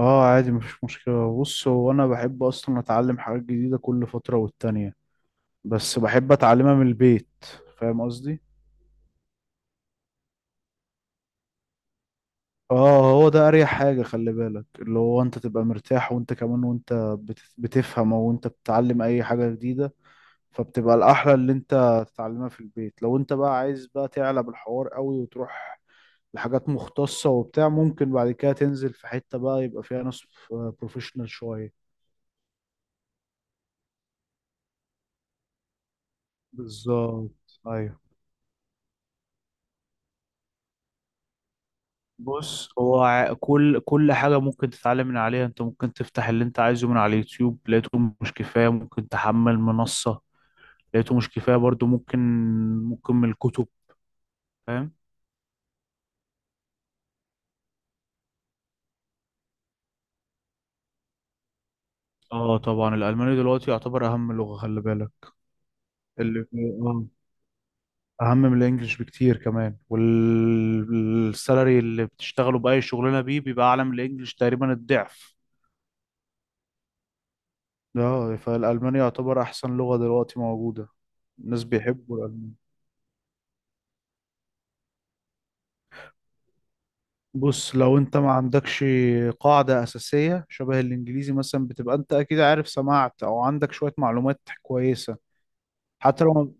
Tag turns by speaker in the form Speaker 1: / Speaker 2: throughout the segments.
Speaker 1: اه، عادي مفيش مشكلة. بص، هو انا بحب اصلا اتعلم حاجات جديدة كل فترة والتانية، بس بحب اتعلمها من البيت. فاهم قصدي؟ اه، هو ده اريح حاجة. خلي بالك، اللي هو انت تبقى مرتاح، وانت كمان وانت بتفهم او انت بتتعلم اي حاجة جديدة، فبتبقى الاحلى اللي انت تتعلمها في البيت. لو انت بقى عايز بقى تعلى بالحوار قوي وتروح لحاجات مختصة وبتاع، ممكن بعد كده تنزل في حتة بقى يبقى فيها ناس بروفيشنال شوية. بالظبط، ايوه. بص، هو كل حاجة ممكن تتعلم من عليها. انت ممكن تفتح اللي انت عايزه من على اليوتيوب، لقيته مش كفاية ممكن تحمل منصة، لقيته مش كفاية برضو ممكن من الكتب. فاهم؟ اه طبعا، الألماني دلوقتي يعتبر أهم لغة، خلي بالك. اللي اه أهم من الإنجليش بكتير كمان، والسالري اللي بتشتغله بأي شغلانة بيه بيبقى أعلى من الإنجليش تقريبا الضعف. اه، فالألماني يعتبر أحسن لغة دلوقتي موجودة. الناس بيحبوا. بص، لو انت ما عندكش قاعدة أساسية شبه الإنجليزي مثلا بتبقى انت أكيد عارف، سمعت أو عندك شوية معلومات كويسة. حتى لو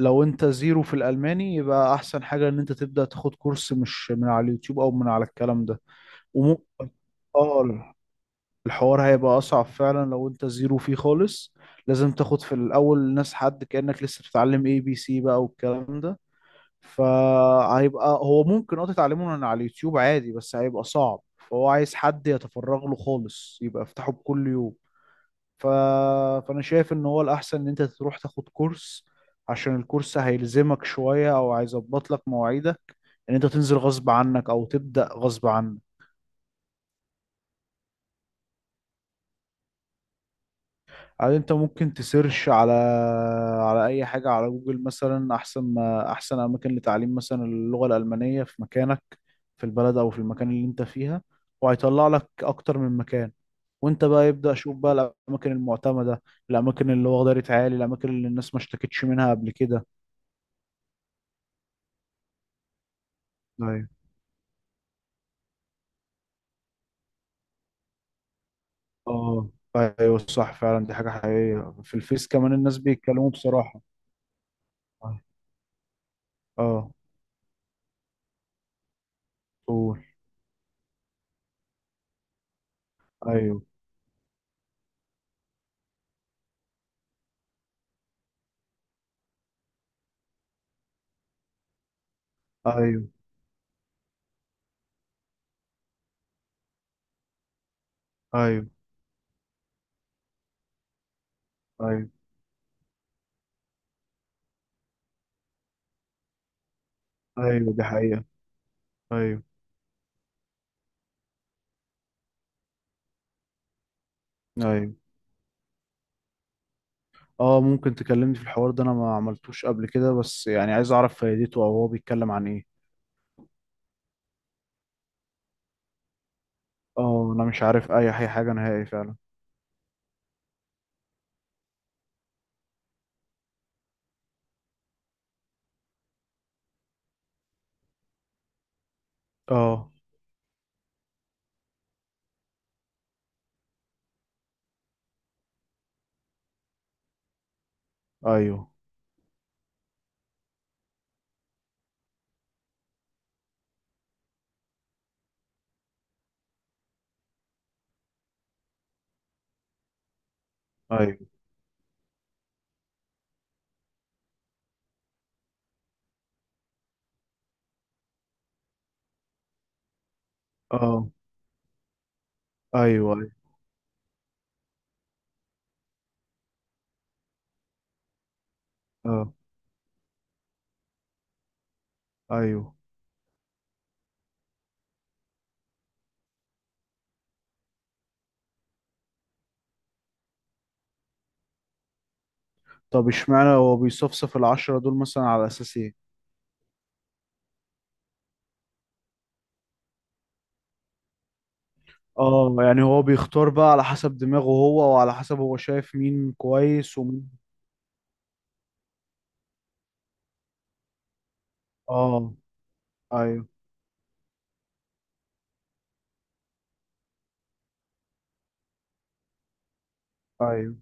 Speaker 1: انت زيرو في الألماني، يبقى أحسن حاجة إن انت تبدأ تاخد كورس، مش من على اليوتيوب أو من على الكلام ده. وم... اه، الحوار هيبقى أصعب فعلا لو انت زيرو فيه خالص. لازم تاخد في الأول ناس، حد كأنك لسه بتتعلم اي بي سي بقى والكلام ده. فهيبقى هو ممكن تتعلمه من على اليوتيوب عادي، بس هيبقى صعب، فهو عايز حد يتفرغ له خالص، يبقى يفتحه بكل يوم. ف... فانا شايف ان هو الاحسن ان انت تروح تاخد كورس، عشان الكورس هيلزمك شوية او هيظبط لك مواعيدك ان انت تنزل غصب عنك او تبدأ غصب عنك. يعني انت ممكن تسيرش على اي حاجة على جوجل مثلا، احسن، ما احسن اماكن لتعليم مثلا اللغة الألمانية في مكانك، في البلد او في المكان اللي انت فيها، وهيطلع لك اكتر من مكان، وانت بقى يبدأ شوف بقى الاماكن المعتمدة، الاماكن اللي واخدة عالي، الاماكن اللي الناس ما اشتكتش منها قبل كده. ايوه. اه ايوه، صح فعلا، دي حاجة حقيقية. في الفيس كمان الناس بيتكلموا بصراحة. اه قول. ايوه، ايوه، ايوه، ايوه، ايوه. دي حقيقة. ايوه. ايوه. اه، ممكن تكلمني في الحوار ده، انا ما عملتوش قبل كده، بس يعني عايز اعرف فايدته او هو بيتكلم عن ايه. اه انا مش عارف اي حاجه نهائي فعلا. اه ايوه، ايوه. اه ايوه، ايوه. اه ايوه. طب اشمعنى هو بيصفصف العشرة دول مثلا على اساس ايه؟ اه، يعني هو بيختار بقى على حسب دماغه هو، وعلى حسب هو شايف مين كويس ومين. اه ايوه، ايوه.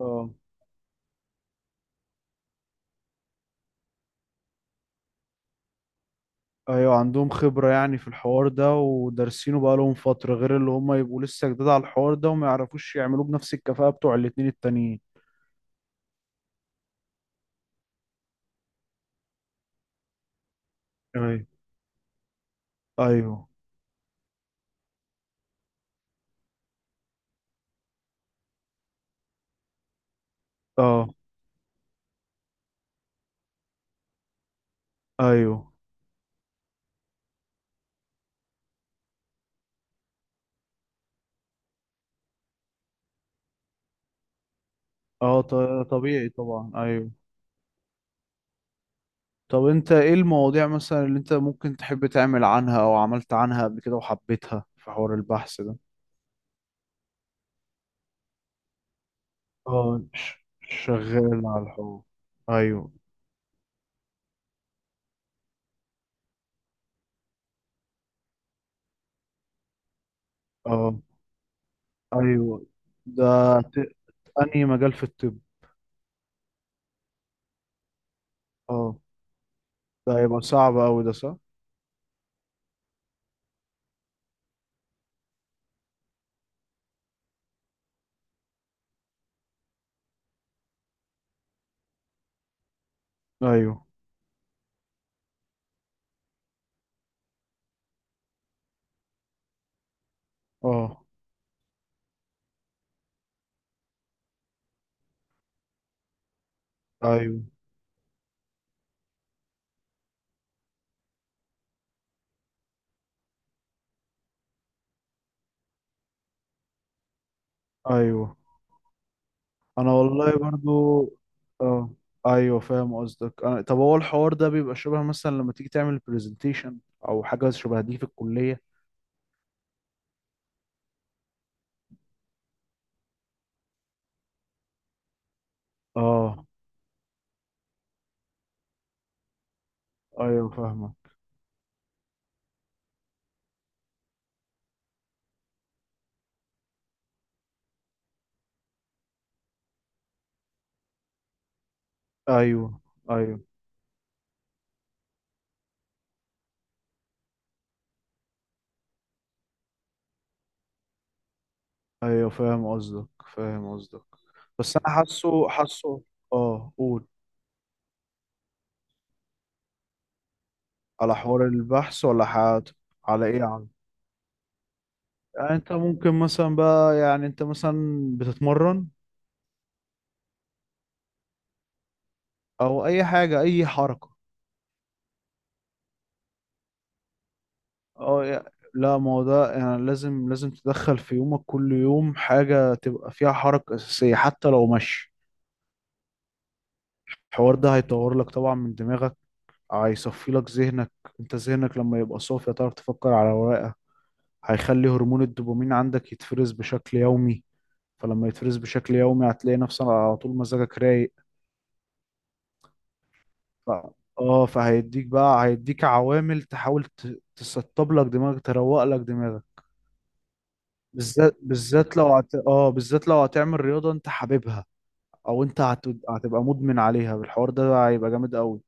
Speaker 1: اه ايوه، عندهم خبرة يعني في الحوار ده ودارسينه بقى لهم فترة، غير اللي هم يبقوا لسه جداد على الحوار ده وما يعرفوش يعملوه بنفس الكفاءة بتوع الاتنين التانيين. ايوه، ايوه. اه ايوه. اه طبيعي طبعا، ايوه. طب انت ايه المواضيع مثلا اللي انت ممكن تحب تعمل عنها او عملت عنها قبل كده وحبيتها في حوار البحث ده؟ اه، شغال على الحوار. ايوه. اه ايوه. ده ت... انهي مجال في الطب؟ اه، ده هيبقى صعب اوي ده، صح؟ ايوه. اه ايوه. ايوه. انا والله برضو، اه ايوه، فاهم قصدك. طب هو الحوار ده بيبقى شبه مثلا لما تيجي تعمل برزنتيشن او حاجه شبه دي في الكليه؟ اه. ايوه، فاهمك. ايوه. ايوه. ايوه، فاهم قصدك. فاهم قصدك. بس انا حاسه، حاسه. اه قول. على حوار البحث ولا حاجات؟ على ايه يعني؟ يعني انت ممكن مثلا بقى، يعني انت مثلا بتتمرن او اي حاجه، اي حركه. اه لا، ما هو ده يعني. لازم تدخل في يومك كل يوم حاجة تبقى فيها حركة أساسية، حتى لو مشي. الحوار ده هيطور لك طبعا من دماغك، هيصفي لك ذهنك. انت ذهنك لما يبقى صافي هتعرف تفكر على ورقة. هيخلي هرمون الدوبامين عندك يتفرز بشكل يومي، فلما يتفرز بشكل يومي هتلاقي نفسك على طول مزاجك رايق. ف... اه، فهيديك بقى، هيديك عوامل تحاول تسطب لك دماغك، تروق لك دماغك. بالذات، بالذات لو هت... اه بالذات لو هتعمل رياضة انت حاببها، او انت هتبقى مدمن عليها، بالحوار ده هيبقى جامد قوي.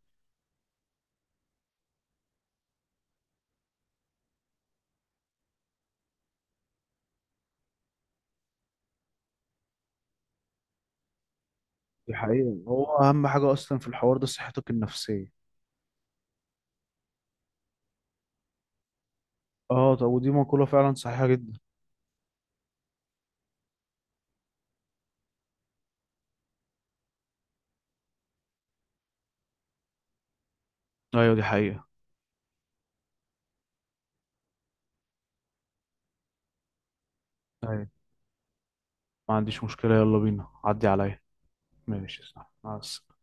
Speaker 1: دي حقيقة. هو اهم حاجة اصلا في الحوار ده صحتك النفسية. اه. طب ودي مقولة فعلا صحيحة جدا. ايوه دي حقيقة. ايوه، ما عنديش مشكلة، يلا بينا، عدي عليا. ماشي، صح، مع السلامة.